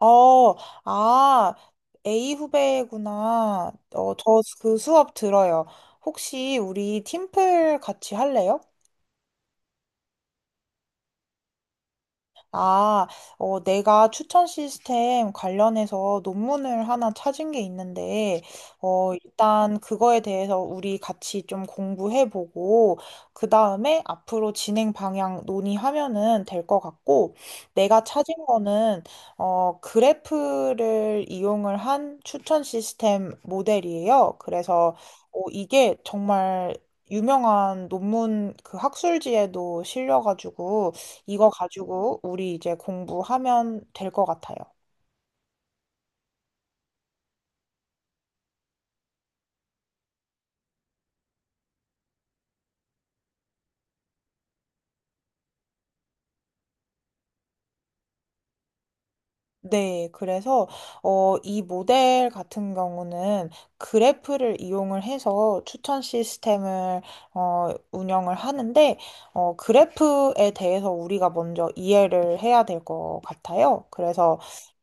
어, 아, A 후배구나. 저 그 수업 들어요. 혹시 우리 팀플 같이 할래요? 아, 내가 추천 시스템 관련해서 논문을 하나 찾은 게 있는데, 일단 그거에 대해서 우리 같이 좀 공부해보고, 그 다음에 앞으로 진행 방향 논의하면은 될 것 같고, 내가 찾은 거는 그래프를 이용을 한 추천 시스템 모델이에요. 그래서 이게 정말 유명한 논문, 그 학술지에도 실려가지고, 이거 가지고 우리 이제 공부하면 될 것 같아요. 네, 그래서 이 모델 같은 경우는 그래프를 이용을 해서 추천 시스템을 운영을 하는데, 그래프에 대해서 우리가 먼저 이해를 해야 될 것 같아요. 그래서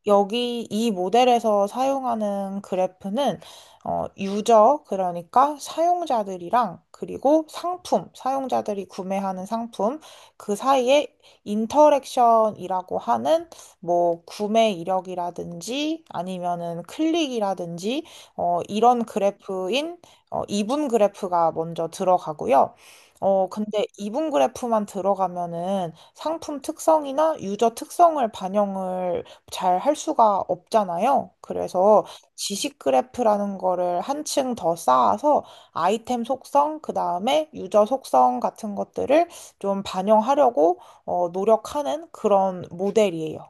여기 이 모델에서 사용하는 그래프는, 유저, 그러니까 사용자들이랑, 그리고 상품, 사용자들이 구매하는 상품, 그 사이에 인터랙션이라고 하는 뭐 구매 이력이라든지 아니면은 클릭이라든지, 이런 그래프인 이분 그래프가 먼저 들어가고요. 근데 이분 그래프만 들어가면은 상품 특성이나 유저 특성을 반영을 잘 할 수가 없잖아요. 그래서 지식 그래프라는 거를 한 층 더 쌓아서 아이템 속성, 그 다음에 유저 속성 같은 것들을 좀 반영하려고 노력하는 그런 모델이에요.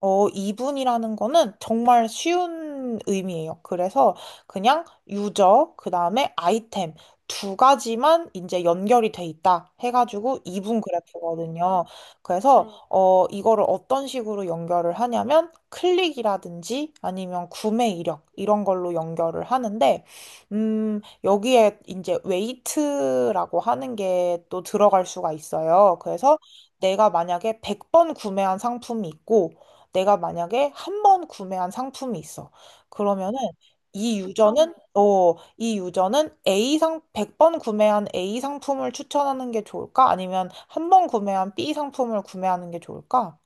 이분이라는 거는 정말 쉬운 의미예요. 그래서 그냥 유저, 그 다음에 아이템 두 가지만 이제 연결이 돼 있다 해가지고 이분 그래프거든요. 그래서 네. 이거를 어떤 식으로 연결을 하냐면 클릭이라든지 아니면 구매 이력 이런 걸로 연결을 하는데, 여기에 이제 웨이트라고 하는 게 또 들어갈 수가 있어요. 그래서 내가 만약에 100번 구매한 상품이 있고, 내가 만약에 한 번 구매한 상품이 있어. 그러면은 이 유저는 A 상 100번 구매한 A 상품을 추천하는 게 좋을까? 아니면 한 번 구매한 B 상품을 구매하는 게 좋을까?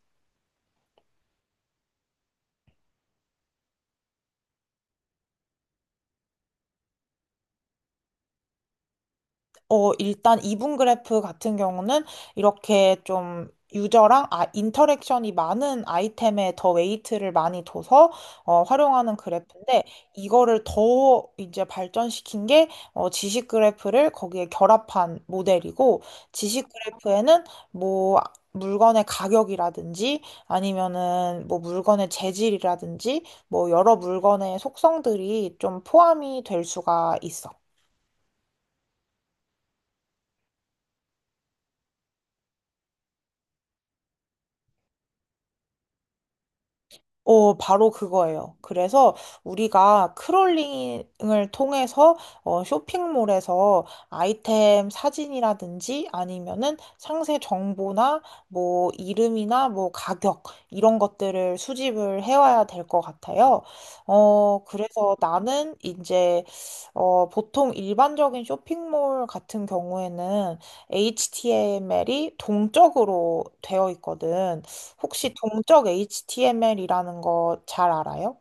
일단 이분 그래프 같은 경우는 이렇게 좀 유저랑, 인터랙션이 많은 아이템에 더 웨이트를 많이 둬서 활용하는 그래프인데, 이거를 더 이제 발전시킨 게 지식 그래프를 거기에 결합한 모델이고, 지식 그래프에는 뭐 물건의 가격이라든지 아니면은 뭐 물건의 재질이라든지 뭐 여러 물건의 속성들이 좀 포함이 될 수가 있어. 바로 그거예요. 그래서 우리가 크롤링을 통해서 쇼핑몰에서 아이템 사진이라든지 아니면은 상세 정보나 뭐 이름이나 뭐 가격 이런 것들을 수집을 해와야 될 것 같아요. 그래서 나는 이제 보통 일반적인 쇼핑몰 같은 경우에는 HTML이 동적으로 되어 있거든. 혹시 동적 HTML이라는 거 잘 알아요?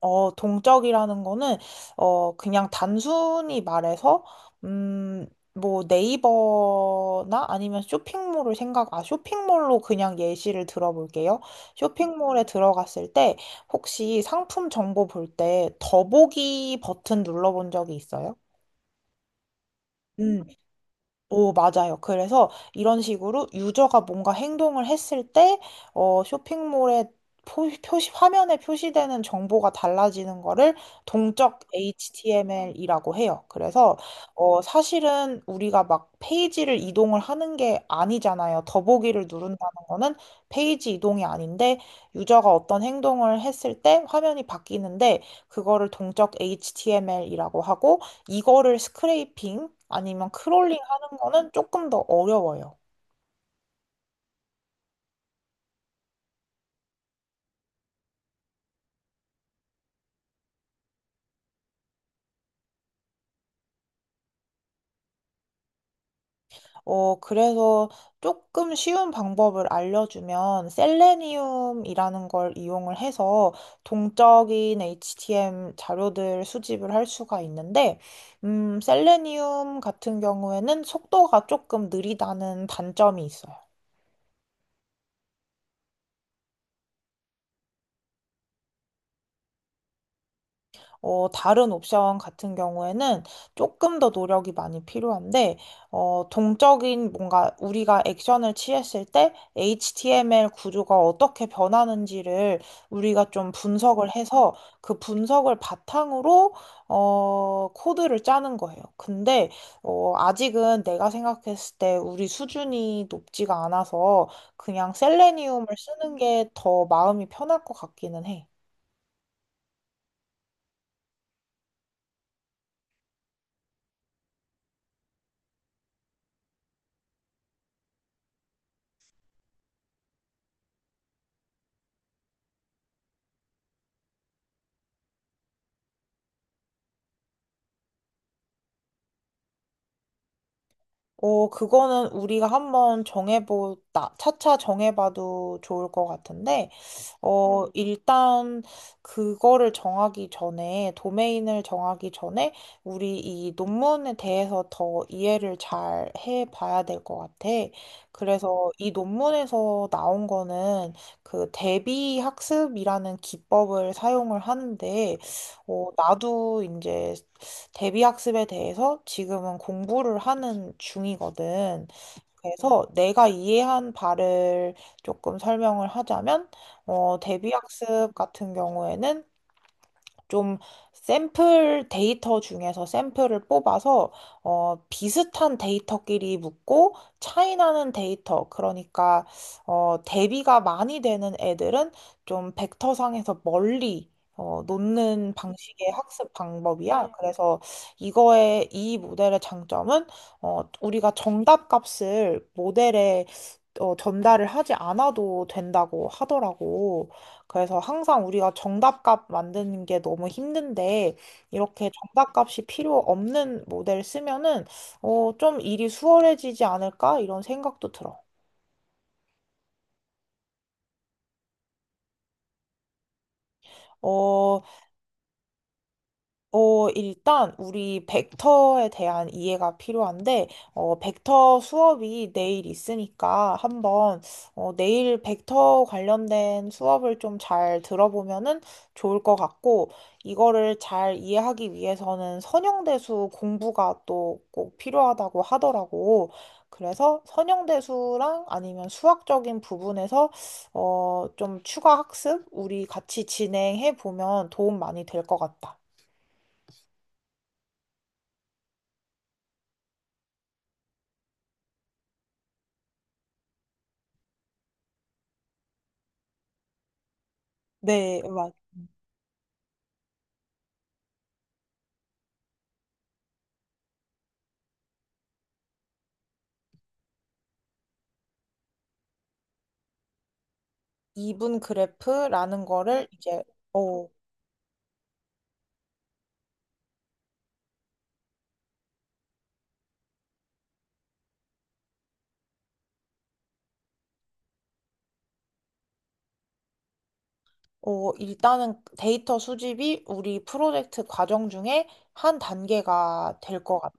동적이라는 거는, 그냥 단순히 말해서, 음, 뭐 네이버나 아니면 쇼핑몰로 그냥 예시를 들어볼게요. 쇼핑몰에 들어갔을 때, 혹시 상품 정보 볼 때 더보기 버튼 눌러본 적이 있어요? 음. 오, 맞아요. 그래서 이런 식으로 유저가 뭔가 행동을 했을 때, 쇼핑몰에 표시, 화면에 표시되는 정보가 달라지는 거를 동적 HTML이라고 해요. 그래서, 사실은 우리가 막 페이지를 이동을 하는 게 아니잖아요. 더보기를 누른다는 거는 페이지 이동이 아닌데, 유저가 어떤 행동을 했을 때 화면이 바뀌는데, 그거를 동적 HTML이라고 하고, 이거를 스크레이핑 아니면 크롤링 는 거는 조금 더 어려워요. 그래서 조금 쉬운 방법을 알려주면 셀레니움이라는 걸 이용을 해서 동적인 HTM 자료들 수집을 할 수가 있는데, 셀레니움 같은 경우에는 속도가 조금 느리다는 단점이 있어요. 다른 옵션 같은 경우에는 조금 더 노력이 많이 필요한데, 동적인 뭔가 우리가 액션을 취했을 때 HTML 구조가 어떻게 변하는지를 우리가 좀 분석을 해서 그 분석을 바탕으로, 코드를 짜는 거예요. 근데, 아직은 내가 생각했을 때 우리 수준이 높지가 않아서 그냥 셀레니움을 쓰는 게 더 마음이 편할 것 같기는 해. 그거는 우리가 한번 차차 정해봐도 좋을 것 같은데, 일단 그거를 정하기 전에, 도메인을 정하기 전에, 우리 이 논문에 대해서 더 이해를 잘 해봐야 될 것 같아. 그래서 이 논문에서 나온 거는 그 대비 학습이라는 기법을 사용을 하는데, 나도 이제 대비 학습에 대해서 지금은 공부를 하는 중이거든. 그래서 내가 이해한 바를 조금 설명을 하자면, 대비학습 같은 경우에는 좀 샘플 데이터 중에서 샘플을 뽑아서 비슷한 데이터끼리 묶고 차이 나는 데이터, 그러니까 대비가 많이 되는 애들은 좀 벡터상에서 멀리 놓는 방식의 학습 방법이야. 네. 그래서 이거의 이 모델의 장점은, 우리가 정답 값을 모델에 전달을 하지 않아도 된다고 하더라고. 그래서 항상 우리가 정답값 만드는 게 너무 힘든데, 이렇게 정답값이 필요 없는 모델 쓰면은, 좀 일이 수월해지지 않을까? 이런 생각도 들어. 어, 일단 우리 벡터에 대한 이해가 필요한데, 벡터 수업이 내일 있으니까 한번, 내일 벡터 관련된 수업을 좀 잘 들어보면은 좋을 것 같고, 이거를 잘 이해하기 위해서는 선형대수 공부가 또 꼭 필요하다고 하더라고. 그래서 선형대수랑 아니면 수학적인 부분에서 좀 추가 학습 우리 같이 진행해 보면 도움 많이 될 것 같다. 네, 막 이분 그래프라는 거를 이제 어, 일단은 데이터 수집이 우리 프로젝트 과정 중에 한 단계가 될 것 같아.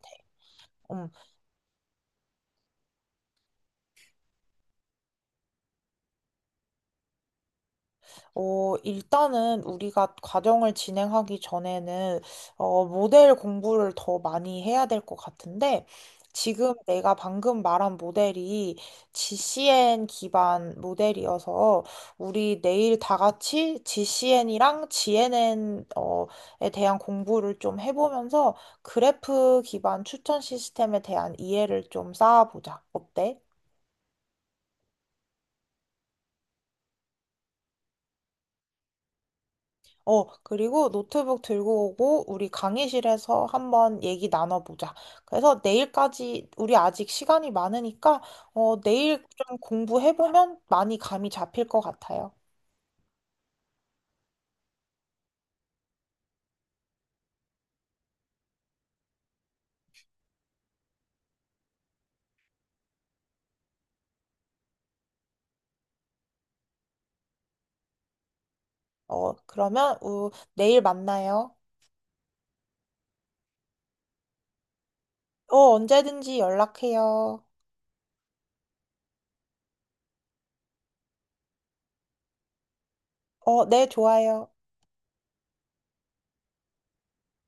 일단은 우리가 과정을 진행하기 전에는, 모델 공부를 더 많이 해야 될 것 같은데, 지금 내가 방금 말한 모델이 GCN 기반 모델이어서, 우리 내일 다 같이 GCN이랑 GNN, 에 대한 공부를 좀 해보면서, 그래프 기반 추천 시스템에 대한 이해를 좀 쌓아보자. 어때? 그리고 노트북 들고 오고 우리 강의실에서 한번 얘기 나눠보자. 그래서 내일까지 우리 아직 시간이 많으니까 내일 좀 공부해보면 많이 감이 잡힐 것 같아요. 그러면 내일 만나요. 언제든지 연락해요. 네, 좋아요.